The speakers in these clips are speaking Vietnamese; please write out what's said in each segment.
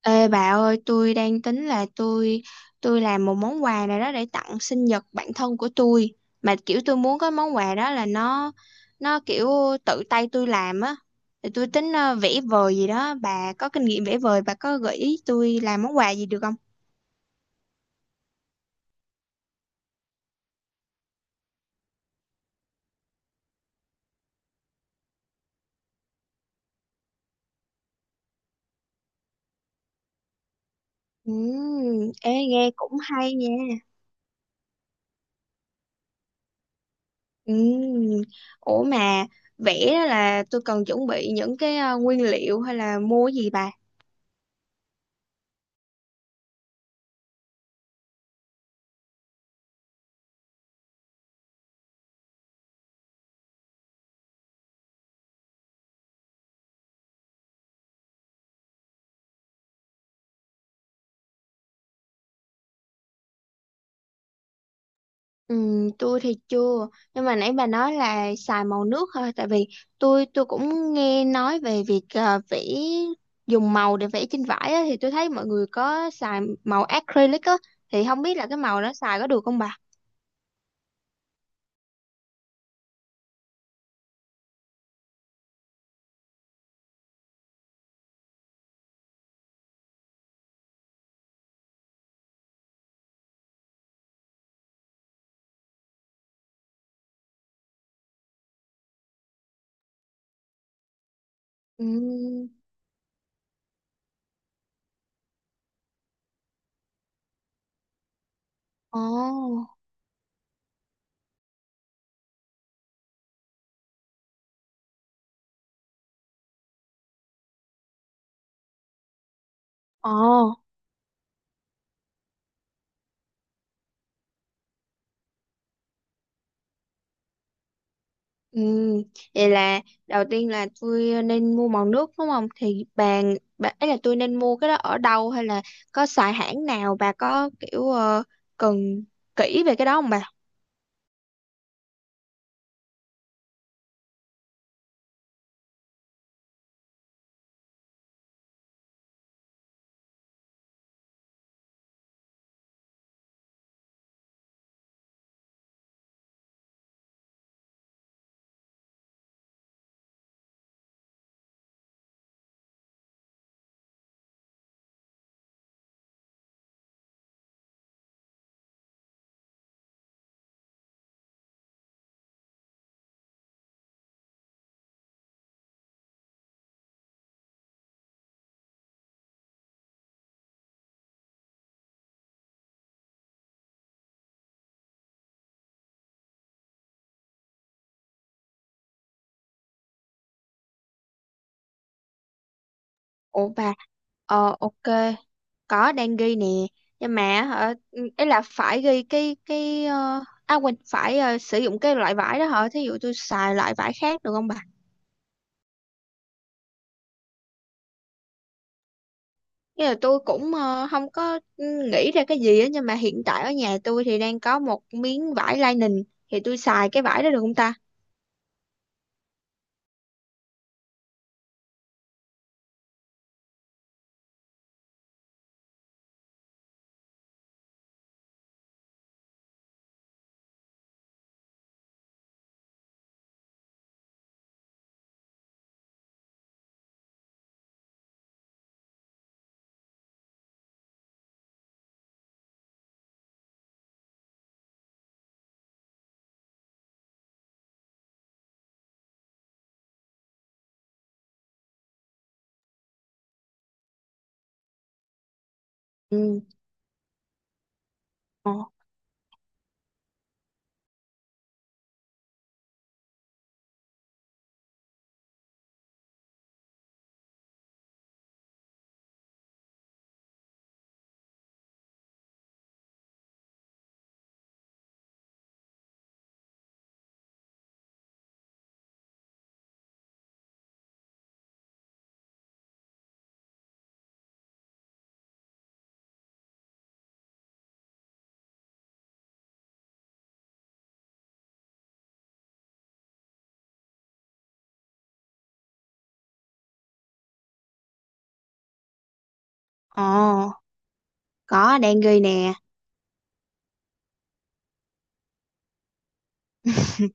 Ê bà ơi, tôi đang tính là tôi làm một món quà nào đó để tặng sinh nhật bạn thân của tôi. Mà kiểu tôi muốn cái món quà đó là nó kiểu tự tay tôi làm á. Thì tôi tính vẽ vời gì đó, bà có kinh nghiệm vẽ vời, bà có gợi ý tôi làm món quà gì được không? Ê nghe cũng hay nha. Ừm, ủa mà vẽ đó là tôi cần chuẩn bị những cái nguyên liệu hay là mua cái gì bà? Ừ, tôi thì chưa, nhưng mà nãy bà nói là xài màu nước thôi, tại vì tôi cũng nghe nói về việc vẽ, dùng màu để vẽ trên vải á, thì tôi thấy mọi người có xài màu acrylic á, thì không biết là cái màu đó xài có được không bà? Ừ. Ồ. Ồ. Ừ. Vậy là đầu tiên là tôi nên mua màu nước đúng không? Thì bà ấy là tôi nên mua cái đó ở đâu, hay là có xài hãng nào bà có kiểu cần kỹ về cái đó không bà? Ủa bà, ờ ok, có đang ghi nè, nhưng mà hả, ừ, là phải ghi cái cái, à quên, phải sử dụng cái loại vải đó hả? Thí dụ tôi xài loại vải khác được không bà? Như là tôi cũng không có nghĩ ra cái gì á, nhưng mà hiện tại ở nhà tôi thì đang có một miếng vải lining, thì tôi xài cái vải đó được không ta? Ừ, ồ, ồ, có đang ghi nè.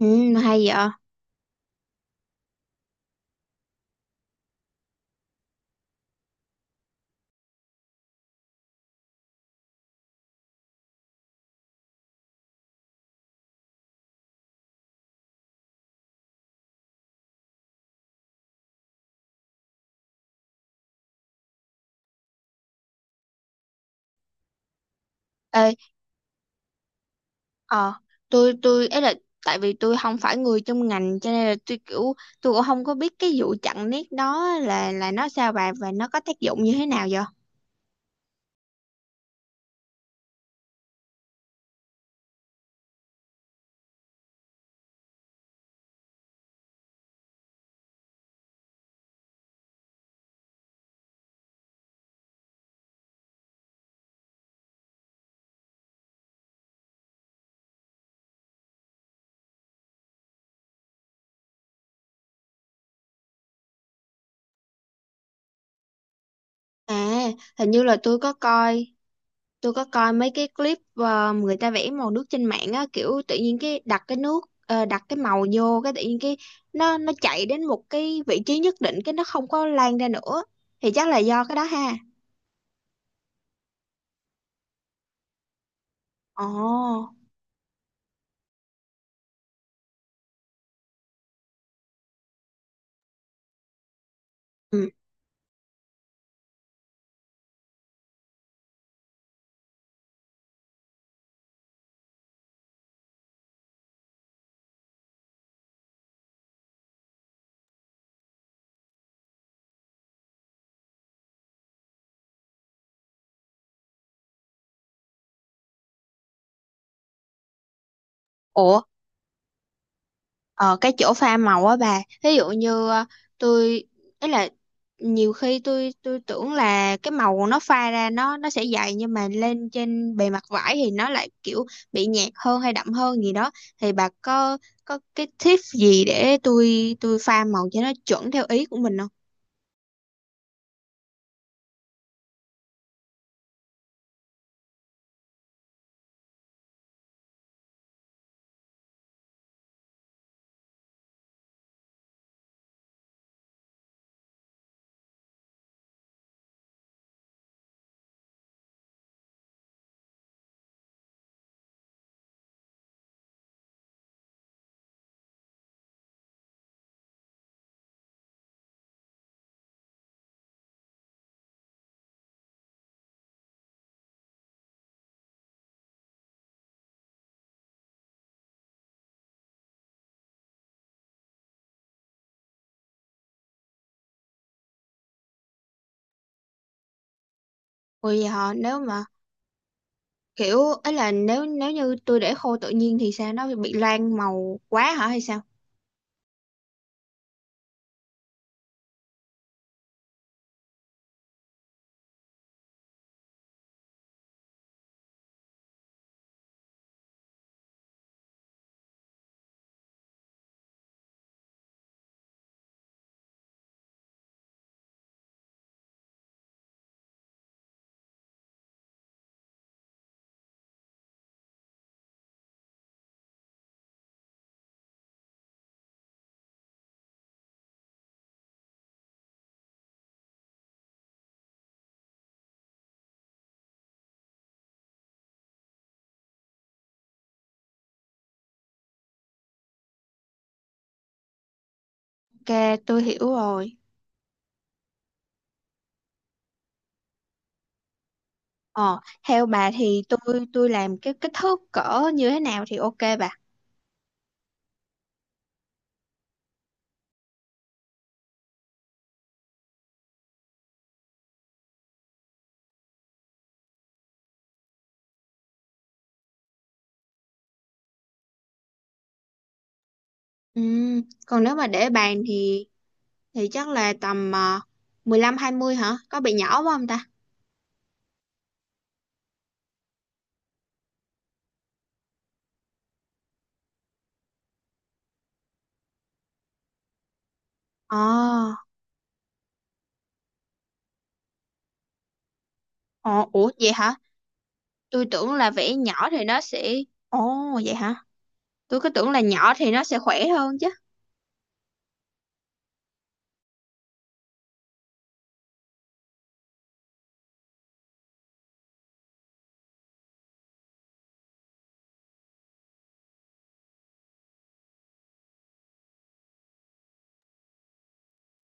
Ừ, hay vậy. Ê, ờ, tôi ấy là tại vì tôi không phải người trong ngành, cho nên là tôi kiểu tôi cũng không có biết cái vụ chặn nét đó là nó sao bà, và nó có tác dụng như thế nào vậy? À, hình như là tôi có coi, tôi có coi mấy cái clip người ta vẽ màu nước trên mạng á, kiểu tự nhiên cái đặt cái nước, đặt cái màu vô, cái tự nhiên cái nó chạy đến một cái vị trí nhất định, cái nó không có lan ra nữa, thì chắc là do cái đó ha. Ồ. Ừ. Ủa ờ, cái chỗ pha màu á bà, ví dụ như tôi ấy là nhiều khi tôi tưởng là cái màu nó pha ra nó sẽ dày, nhưng mà lên trên bề mặt vải thì nó lại kiểu bị nhạt hơn hay đậm hơn gì đó, thì bà có cái tip gì để tôi pha màu cho nó chuẩn theo ý của mình không? Bởi vì họ, nếu mà kiểu ấy là nếu nếu như tôi để khô tự nhiên thì sao, nó bị loang màu quá hả hay sao? Ok, tôi hiểu rồi. Ờ, theo bà thì tôi làm cái kích thước cỡ như thế nào thì ok bà. Ừ, còn nếu mà để bàn thì chắc là tầm 15 20 hả? Có bị nhỏ quá không ta? Ờ, ờ, ủa vậy hả? Tôi tưởng là vẽ nhỏ thì nó sẽ… Ồ vậy hả? Tôi cứ tưởng là nhỏ thì nó sẽ khỏe hơn chứ.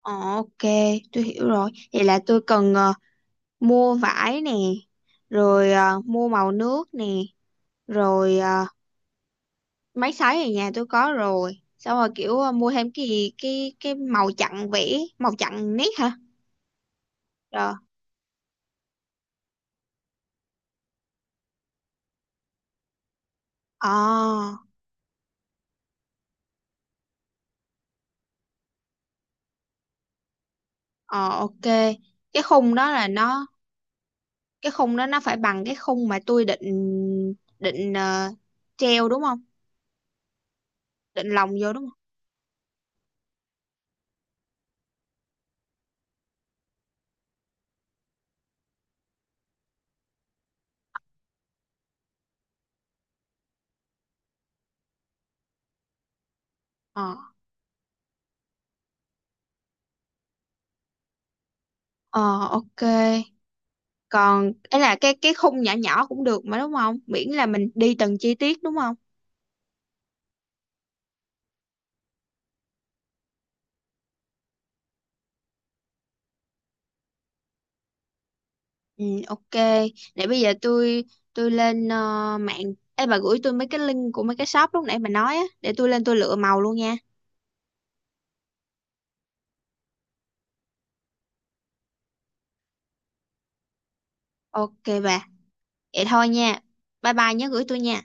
Ờ, ok, tôi hiểu rồi. Vậy là tôi cần mua vải nè, rồi mua màu nước nè, rồi máy sấy ở nhà tôi có rồi, xong rồi kiểu mua thêm cái gì, cái màu chặn, vẽ màu chặn nét hả? Rồi. Ờ. Ờ, ok. Cái khung đó là nó, cái khung đó nó phải bằng cái khung mà tôi định định ờ, treo đúng không, định lồng vô đúng không? Ờ. Ờ, ok. Còn ấy là cái khung nhỏ nhỏ cũng được mà đúng không, miễn là mình đi từng chi tiết đúng không? Ừ, ok. Để bây giờ tôi lên mạng. Ê bà gửi tôi mấy cái link của mấy cái shop lúc nãy bà nói á, để tôi lên tôi lựa màu luôn nha. Ok bà. Vậy thôi nha. Bye bye, nhớ gửi tôi nha.